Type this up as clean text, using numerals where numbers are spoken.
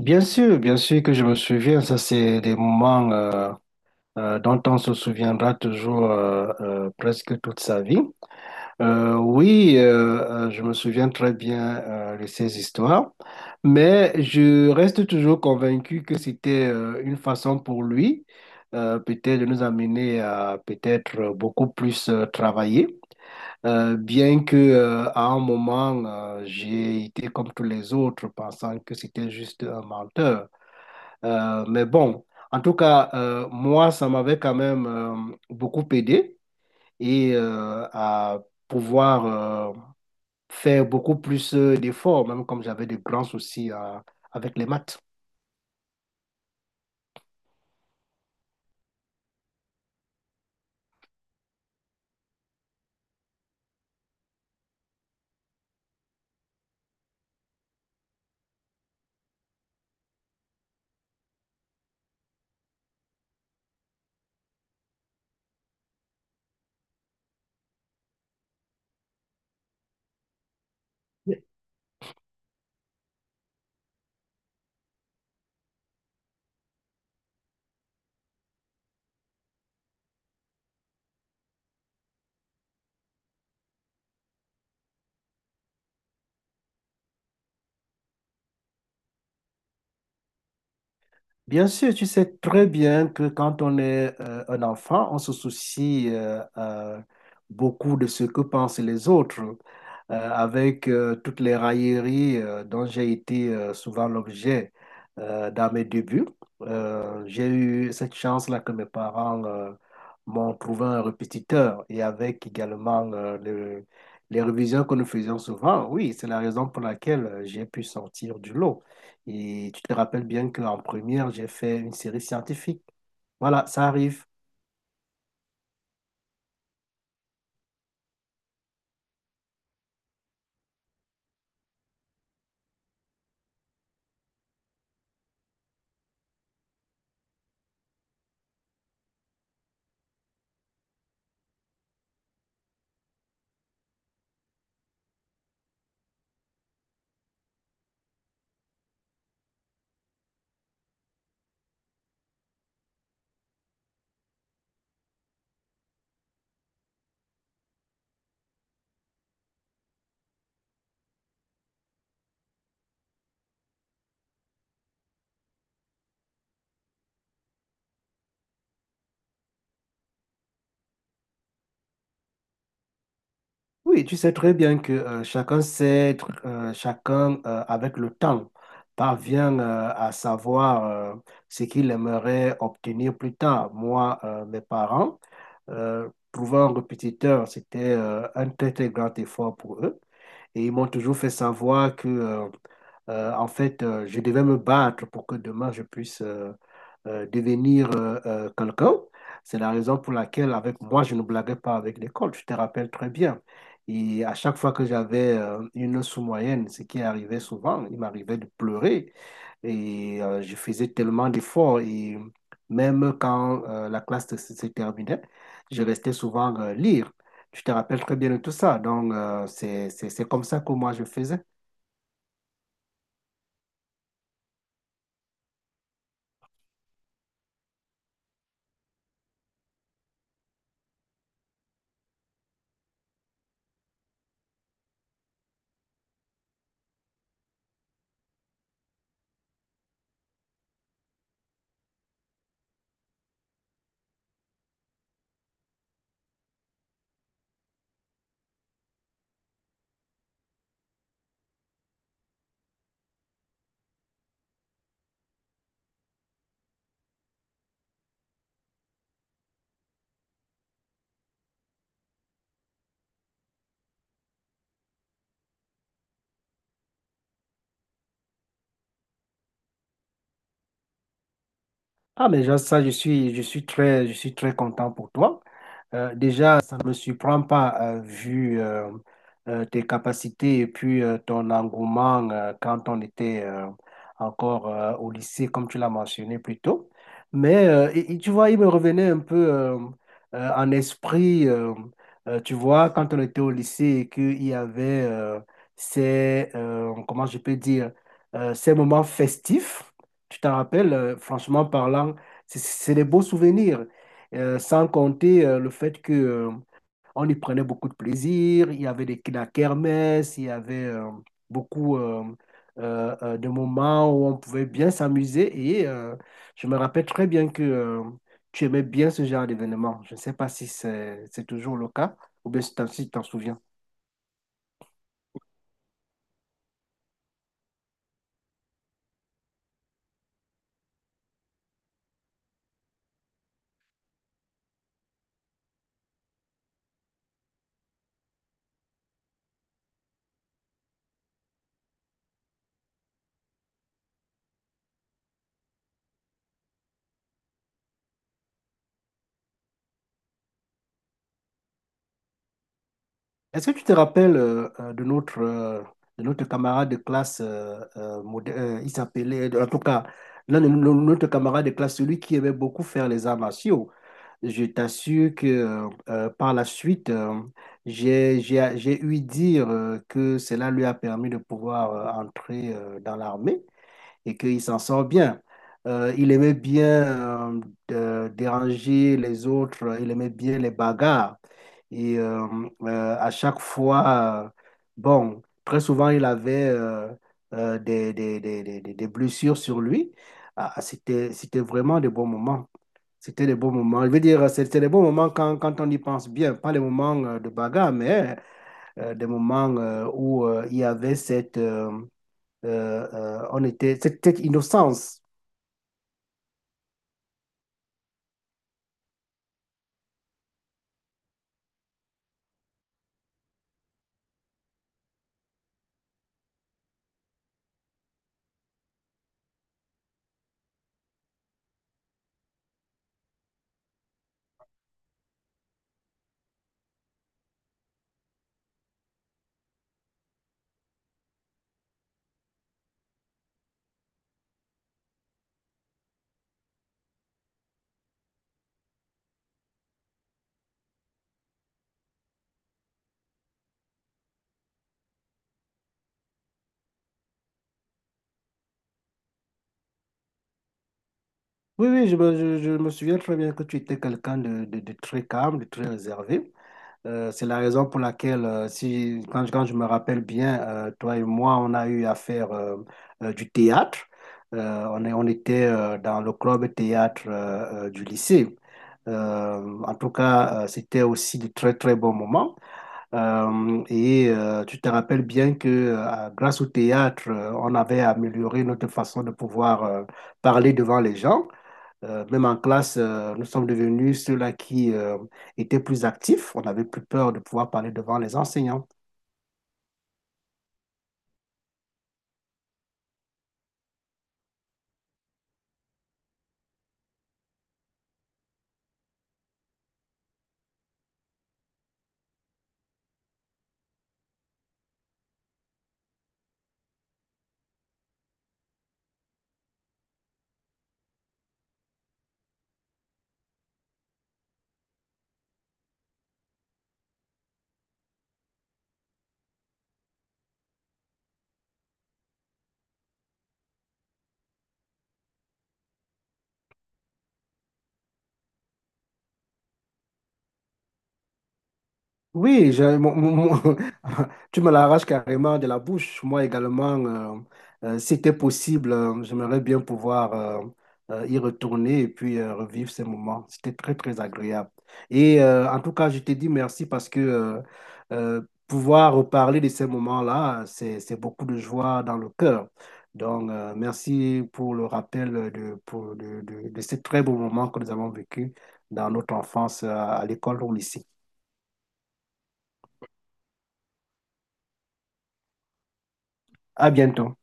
Bien sûr que je me souviens, ça c'est des moments dont on se souviendra toujours presque toute sa vie. Oui, je me souviens très bien de ces histoires, mais je reste toujours convaincu que c'était une façon pour lui peut-être de nous amener à peut-être beaucoup plus travailler. Bien que à un moment j'ai été comme tous les autres pensant que c'était juste un menteur. Mais bon, en tout cas, moi, ça m'avait quand même beaucoup aidé et à pouvoir euh, faire beaucoup plus d'efforts, même comme j'avais de grands soucis avec les maths. Bien sûr, tu sais très bien que quand on est un enfant, on se soucie beaucoup de ce que pensent les autres, avec toutes les railleries dont j'ai été souvent l'objet dans mes débuts. J'ai eu cette chance-là que mes parents m'ont trouvé un répétiteur et avec également les révisions que nous faisions souvent. Oui, c'est la raison pour laquelle j'ai pu sortir du lot. Et tu te rappelles bien qu'en première, j'ai fait une série scientifique. Voilà, ça arrive. Oui, tu sais très bien que chacun sait, chacun avec le temps parvient à savoir ce qu'il aimerait obtenir plus tard. Moi, mes parents, trouver un répétiteur, c'était un très très grand effort pour eux. Et ils m'ont toujours fait savoir que, en fait, je devais me battre pour que demain je puisse devenir quelqu'un. C'est la raison pour laquelle, avec moi, je ne blaguais pas avec l'école. Tu te rappelles très bien. Et à chaque fois que j'avais une sous-moyenne, ce qui arrivait souvent, il m'arrivait de pleurer. Et je faisais tellement d'efforts. Et même quand la classe se terminait, je restais souvent lire. Tu te rappelles très bien de tout ça. Donc, c'est comme ça que moi je faisais. Ah, mais déjà, ça, je suis très content pour toi. Déjà, ça ne me surprend pas, vu tes capacités et puis ton engouement quand on était encore au lycée, comme tu l'as mentionné plus tôt. Mais et tu vois, il me revenait un peu en esprit, tu vois, quand on était au lycée et qu'il y avait ces, comment je peux dire, ces moments festifs. Tu t'en rappelles, franchement parlant, c'est des beaux souvenirs. Sans compter le fait que on y prenait beaucoup de plaisir. Il y avait des, la kermesse, il y avait beaucoup de moments où on pouvait bien s'amuser. Et je me rappelle très bien que tu aimais bien ce genre d'événement. Je ne sais pas si c'est toujours le cas ou bien si t'en souviens. Est-ce que tu te rappelles de notre camarade de classe, il s'appelait, en tout cas, notre camarade de classe, celui qui aimait beaucoup faire les arts martiaux. Je t'assure que par la suite, j'ai eu dire que cela lui a permis de pouvoir entrer dans l'armée et qu'il s'en sort bien. Il aimait bien déranger les autres, il aimait bien les bagarres. Et à chaque fois, bon, très souvent, il avait des blessures sur lui. Ah, ah, c'était vraiment des bons moments. C'était des bons moments. Je veux dire, c'était des bons moments quand, quand on y pense bien. Pas les moments de bagarre, mais des moments où il y avait cette, euh, on était, c'était innocence. Oui, oui, je me souviens très bien que tu étais quelqu'un de, de très calme, de très réservé. C'est la raison pour laquelle, si, quand je me rappelle bien, toi et moi, on a eu à faire du théâtre. On était dans le club théâtre du lycée. En tout cas, c'était aussi de très, très bons moments. Tu te rappelles bien que grâce au théâtre, on avait amélioré notre façon de pouvoir parler devant les gens. Même en classe, nous sommes devenus ceux-là qui étaient plus actifs. On n'avait plus peur de pouvoir parler devant les enseignants. Oui, mon- tu me l'arraches carrément de la bouche. Moi également, si c'était possible, j'aimerais bien pouvoir y retourner et puis revivre ces moments. C'était très, très agréable. Et en tout cas, je te dis merci parce que euh, pouvoir reparler de ces moments-là, c'est beaucoup de joie dans le cœur. Donc, merci pour le rappel de, pour, de ces très beaux moments que nous avons vécus dans notre enfance à l'école ou au lycée. À bientôt.